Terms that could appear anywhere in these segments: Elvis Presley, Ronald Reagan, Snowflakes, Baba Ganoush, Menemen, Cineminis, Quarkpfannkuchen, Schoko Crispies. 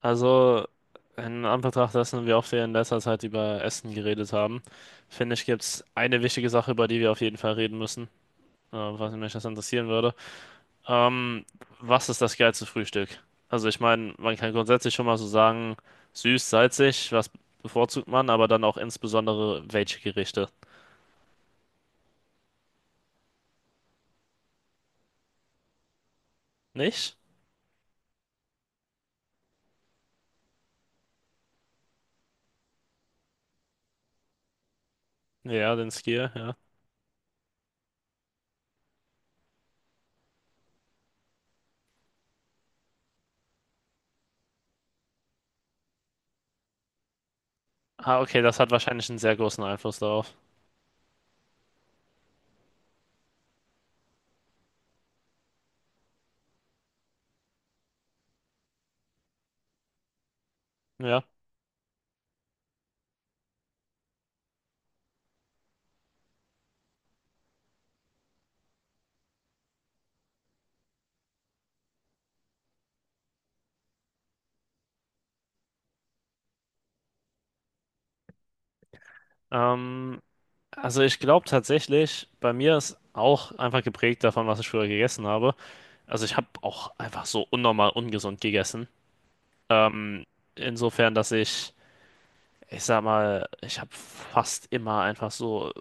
Also, in Anbetracht dessen, wie oft wir in letzter Zeit über Essen geredet haben, finde ich, gibt es eine wichtige Sache, über die wir auf jeden Fall reden müssen, was mich das interessieren würde. Ähm, Was ist das geilste Frühstück? Also, ich meine, man kann grundsätzlich schon mal so sagen, süß, salzig, was bevorzugt man, aber dann auch insbesondere welche Gerichte. Nicht? Ja, den Skier, ja. Ah, okay, das hat wahrscheinlich einen sehr großen Einfluss darauf. Ja. Ähm, Also ich glaube tatsächlich, bei mir ist auch einfach geprägt davon, was ich früher gegessen habe. Also ich habe auch einfach so unnormal ungesund gegessen. Ähm, insofern, dass ich sag mal, ich habe fast immer einfach so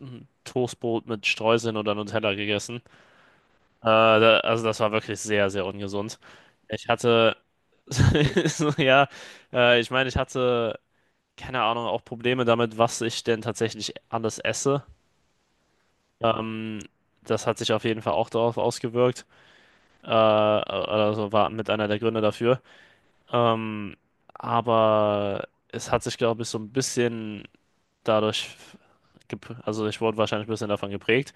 ein Toastbrot mit Streuseln oder Nutella gegessen. Also das war wirklich sehr, sehr ungesund. Ich hatte, so, ja, ich meine, ich hatte keine Ahnung, auch Probleme damit, was ich denn tatsächlich alles esse. Ähm, das hat sich auf jeden Fall auch darauf ausgewirkt. Also war mit einer der Gründe dafür. Ähm, aber es hat sich, glaube ich, so ein bisschen dadurch, also ich wurde wahrscheinlich ein bisschen davon geprägt.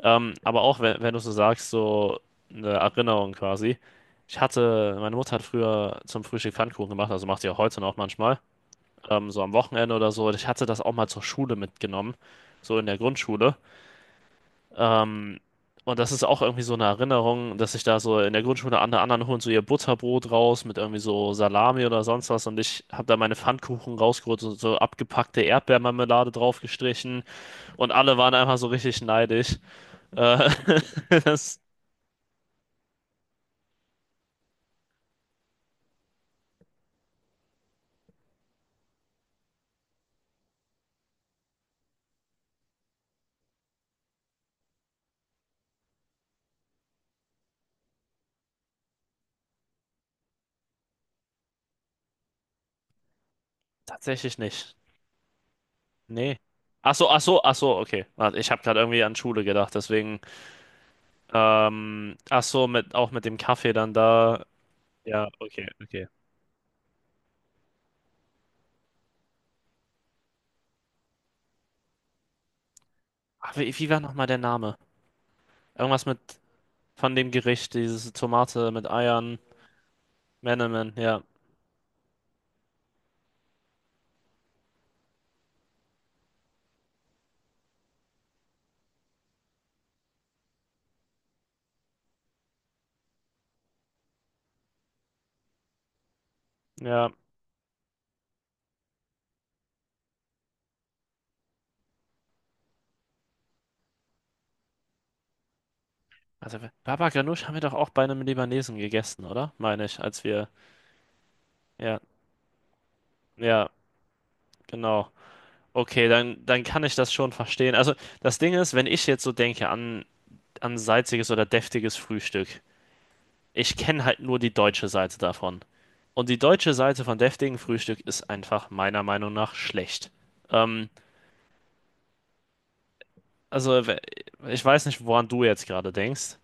Aber auch wenn du so sagst, so eine Erinnerung quasi. Ich hatte, meine Mutter hat früher zum Frühstück Pfannkuchen gemacht, also macht sie auch heute noch manchmal, so am Wochenende oder so. Ich hatte das auch mal zur Schule mitgenommen, so in der Grundschule. Ähm, und das ist auch irgendwie so eine Erinnerung, dass ich da so in der Grundschule an der anderen holen so ihr Butterbrot raus mit irgendwie so Salami oder sonst was und ich habe da meine Pfannkuchen rausgeholt und so abgepackte Erdbeermarmelade draufgestrichen und alle waren einfach so richtig neidisch. Äh, das tatsächlich nicht. Nee. Ach so, ach so, ach so, okay. Warte, ich habe gerade irgendwie an Schule gedacht, deswegen. Ach so, mit, auch mit dem Kaffee dann da. Ja, okay, okay. Ach, wie war nochmal der Name? Irgendwas mit. Von dem Gericht, diese Tomate mit Eiern. Menemen, ja. Ja. Also Baba Ganoush haben wir doch auch bei einem Libanesen gegessen, oder? Meine ich, als wir. Ja, ja, genau. Okay, dann kann ich das schon verstehen. Also das Ding ist, wenn ich jetzt so denke an, an salziges oder deftiges Frühstück, ich kenne halt nur die deutsche Seite davon. Und die deutsche Seite von deftigem Frühstück ist einfach meiner Meinung nach schlecht. Ähm, also we- ich weiß nicht, woran du jetzt gerade denkst,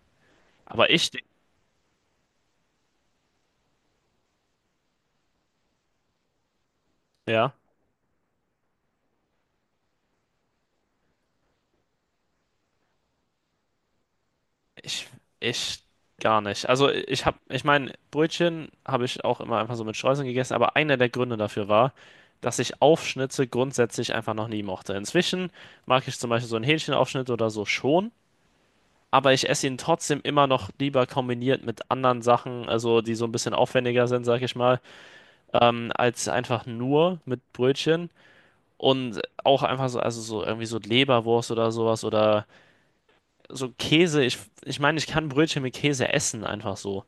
aber ich denke, ja. Ich, ich gar nicht. Also ich habe, ich meine, Brötchen habe ich auch immer einfach so mit Streuseln gegessen, aber einer der Gründe dafür war, dass ich Aufschnitte grundsätzlich einfach noch nie mochte. Inzwischen mag ich zum Beispiel so einen Hähnchenaufschnitt oder so schon, aber ich esse ihn trotzdem immer noch lieber kombiniert mit anderen Sachen, also die so ein bisschen aufwendiger sind, sag ich mal, als einfach nur mit Brötchen. Und auch einfach so, also so irgendwie so Leberwurst oder sowas oder so Käse. Ich meine, ich kann Brötchen mit Käse essen, einfach so.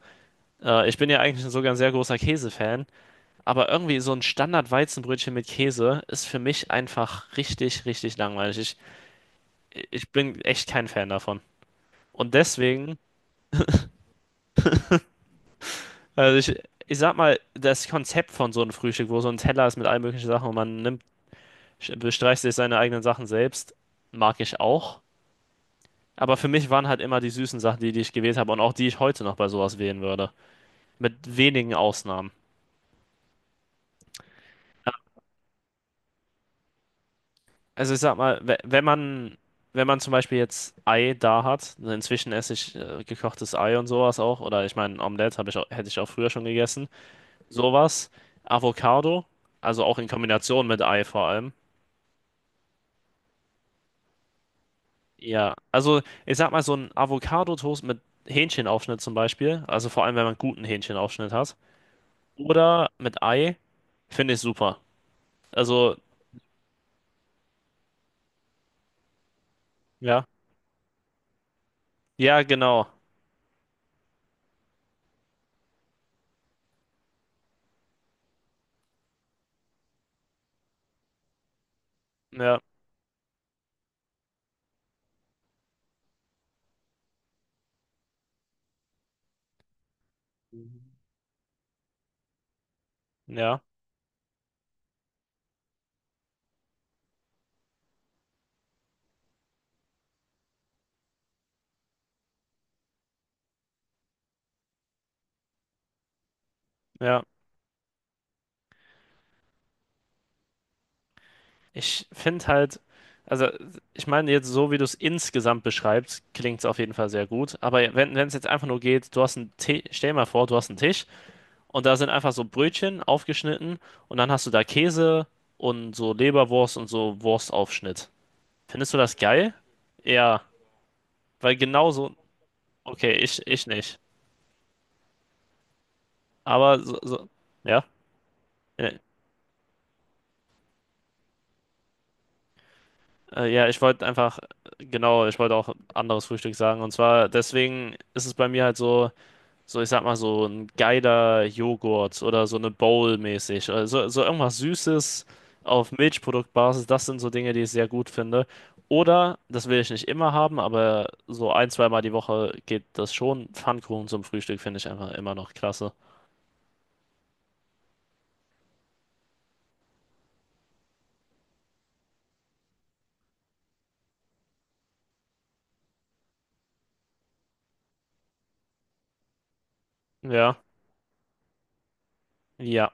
Ich bin ja eigentlich sogar ein sehr großer Käsefan, aber irgendwie so ein Standard-Weizenbrötchen mit Käse ist für mich einfach richtig, richtig langweilig. Ich bin echt kein Fan davon. Und deswegen, ich sag mal, das Konzept von so einem Frühstück, wo so ein Teller ist mit allen möglichen Sachen und man nimmt, bestreicht sich seine eigenen Sachen selbst, mag ich auch. Aber für mich waren halt immer die süßen Sachen, die ich gewählt habe und auch die ich heute noch bei sowas wählen würde. Mit wenigen Ausnahmen. Also ich sag mal, wenn man zum Beispiel jetzt Ei da hat, also inzwischen esse ich gekochtes Ei und sowas auch, oder ich meine, Omelette habe ich auch, hätte ich auch früher schon gegessen. Sowas, Avocado, also auch in Kombination mit Ei vor allem. Ja, also ich sag mal, so ein Avocado-Toast mit Hähnchenaufschnitt zum Beispiel, also vor allem, wenn man guten Hähnchenaufschnitt hat, oder mit Ei, finde ich super. Also, ja, ja, genau, ja, ja, ja. Ich finde halt, also ich meine jetzt so, wie du es insgesamt beschreibst, klingt es auf jeden Fall sehr gut. Aber wenn es jetzt einfach nur geht, du hast einen Tisch, stell dir mal vor, du hast einen Tisch und da sind einfach so Brötchen aufgeschnitten und dann hast du da Käse und so Leberwurst und so Wurstaufschnitt. Findest du das geil? Ja, weil genauso, okay, ich nicht. Aber so, so ja, äh, ja, ich wollte einfach, genau, ich wollte auch anderes Frühstück sagen. Und zwar, deswegen ist es bei mir halt so. So, ich sag mal, so ein geiler Joghurt oder so eine Bowl mäßig. Also, so irgendwas Süßes auf Milchproduktbasis, das sind so Dinge, die ich sehr gut finde. Oder, das will ich nicht immer haben, aber so ein, zweimal die Woche geht das schon. Pfannkuchen zum Frühstück finde ich einfach immer noch klasse. Ja, ja.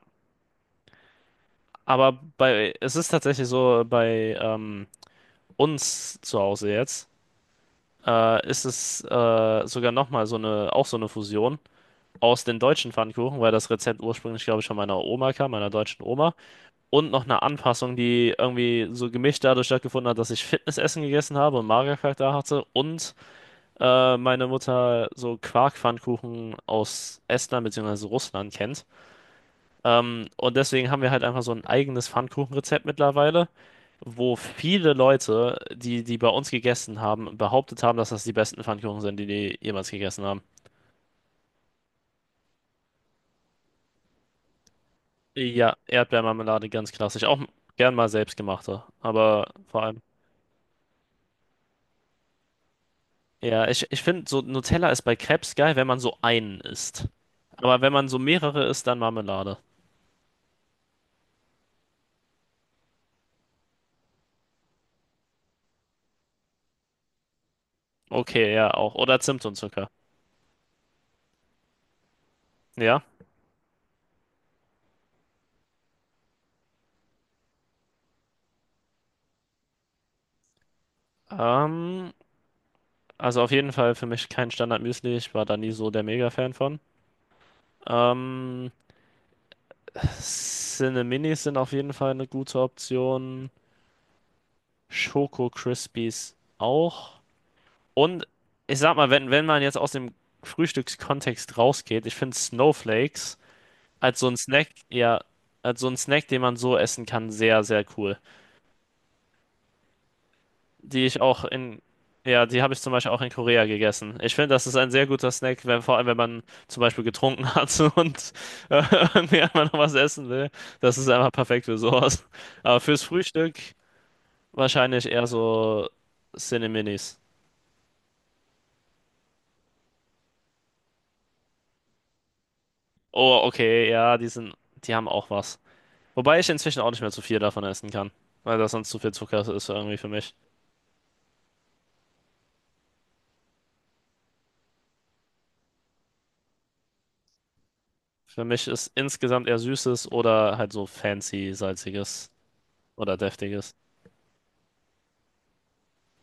Aber bei, es ist tatsächlich so, bei uns zu Hause jetzt, ist es sogar nochmal so eine, auch so eine Fusion aus den deutschen Pfannkuchen, weil das Rezept ursprünglich, glaube ich, von meiner Oma kam, meiner deutschen Oma. Und noch eine Anpassung, die irgendwie so gemischt dadurch stattgefunden hat, dass ich Fitnessessen gegessen habe und Magerquark da hatte. Und meine Mutter so Quarkpfannkuchen aus Estland bzw. Russland kennt. Und deswegen haben wir halt einfach so ein eigenes Pfannkuchenrezept mittlerweile, wo viele Leute, die bei uns gegessen haben, behauptet haben, dass das die besten Pfannkuchen sind, die die jemals gegessen haben. Ja, Erdbeermarmelade ganz klassisch. Auch gern mal selbstgemachte. Aber vor allem. Ja, ich finde, so Nutella ist bei Crepes geil, wenn man so einen isst. Aber wenn man so mehrere isst, dann Marmelade. Okay, ja, auch. Oder Zimt und Zucker. Ja. Ähm, also auf jeden Fall für mich kein Standard-Müsli. Ich war da nie so der Mega-Fan von. Ähm, Cineminis sind auf jeden Fall eine gute Option. Schoko Crispies auch. Und ich sag mal, wenn man jetzt aus dem Frühstückskontext rausgeht, ich finde Snowflakes als so ein Snack, ja, als so ein Snack, den man so essen kann, sehr, sehr cool. Die ich auch in, ja, die habe ich zum Beispiel auch in Korea gegessen. Ich finde, das ist ein sehr guter Snack, wenn, vor allem wenn man zum Beispiel getrunken hat und äh, irgendwie einmal noch was essen will. Das ist einfach perfekt für sowas. Aber fürs Frühstück wahrscheinlich eher so Cineminis. Oh, okay, ja, die sind, die haben auch was. Wobei ich inzwischen auch nicht mehr zu viel davon essen kann, weil das sonst zu viel Zucker ist irgendwie für mich. Für mich ist insgesamt eher Süßes oder halt so fancy, salziges oder deftiges.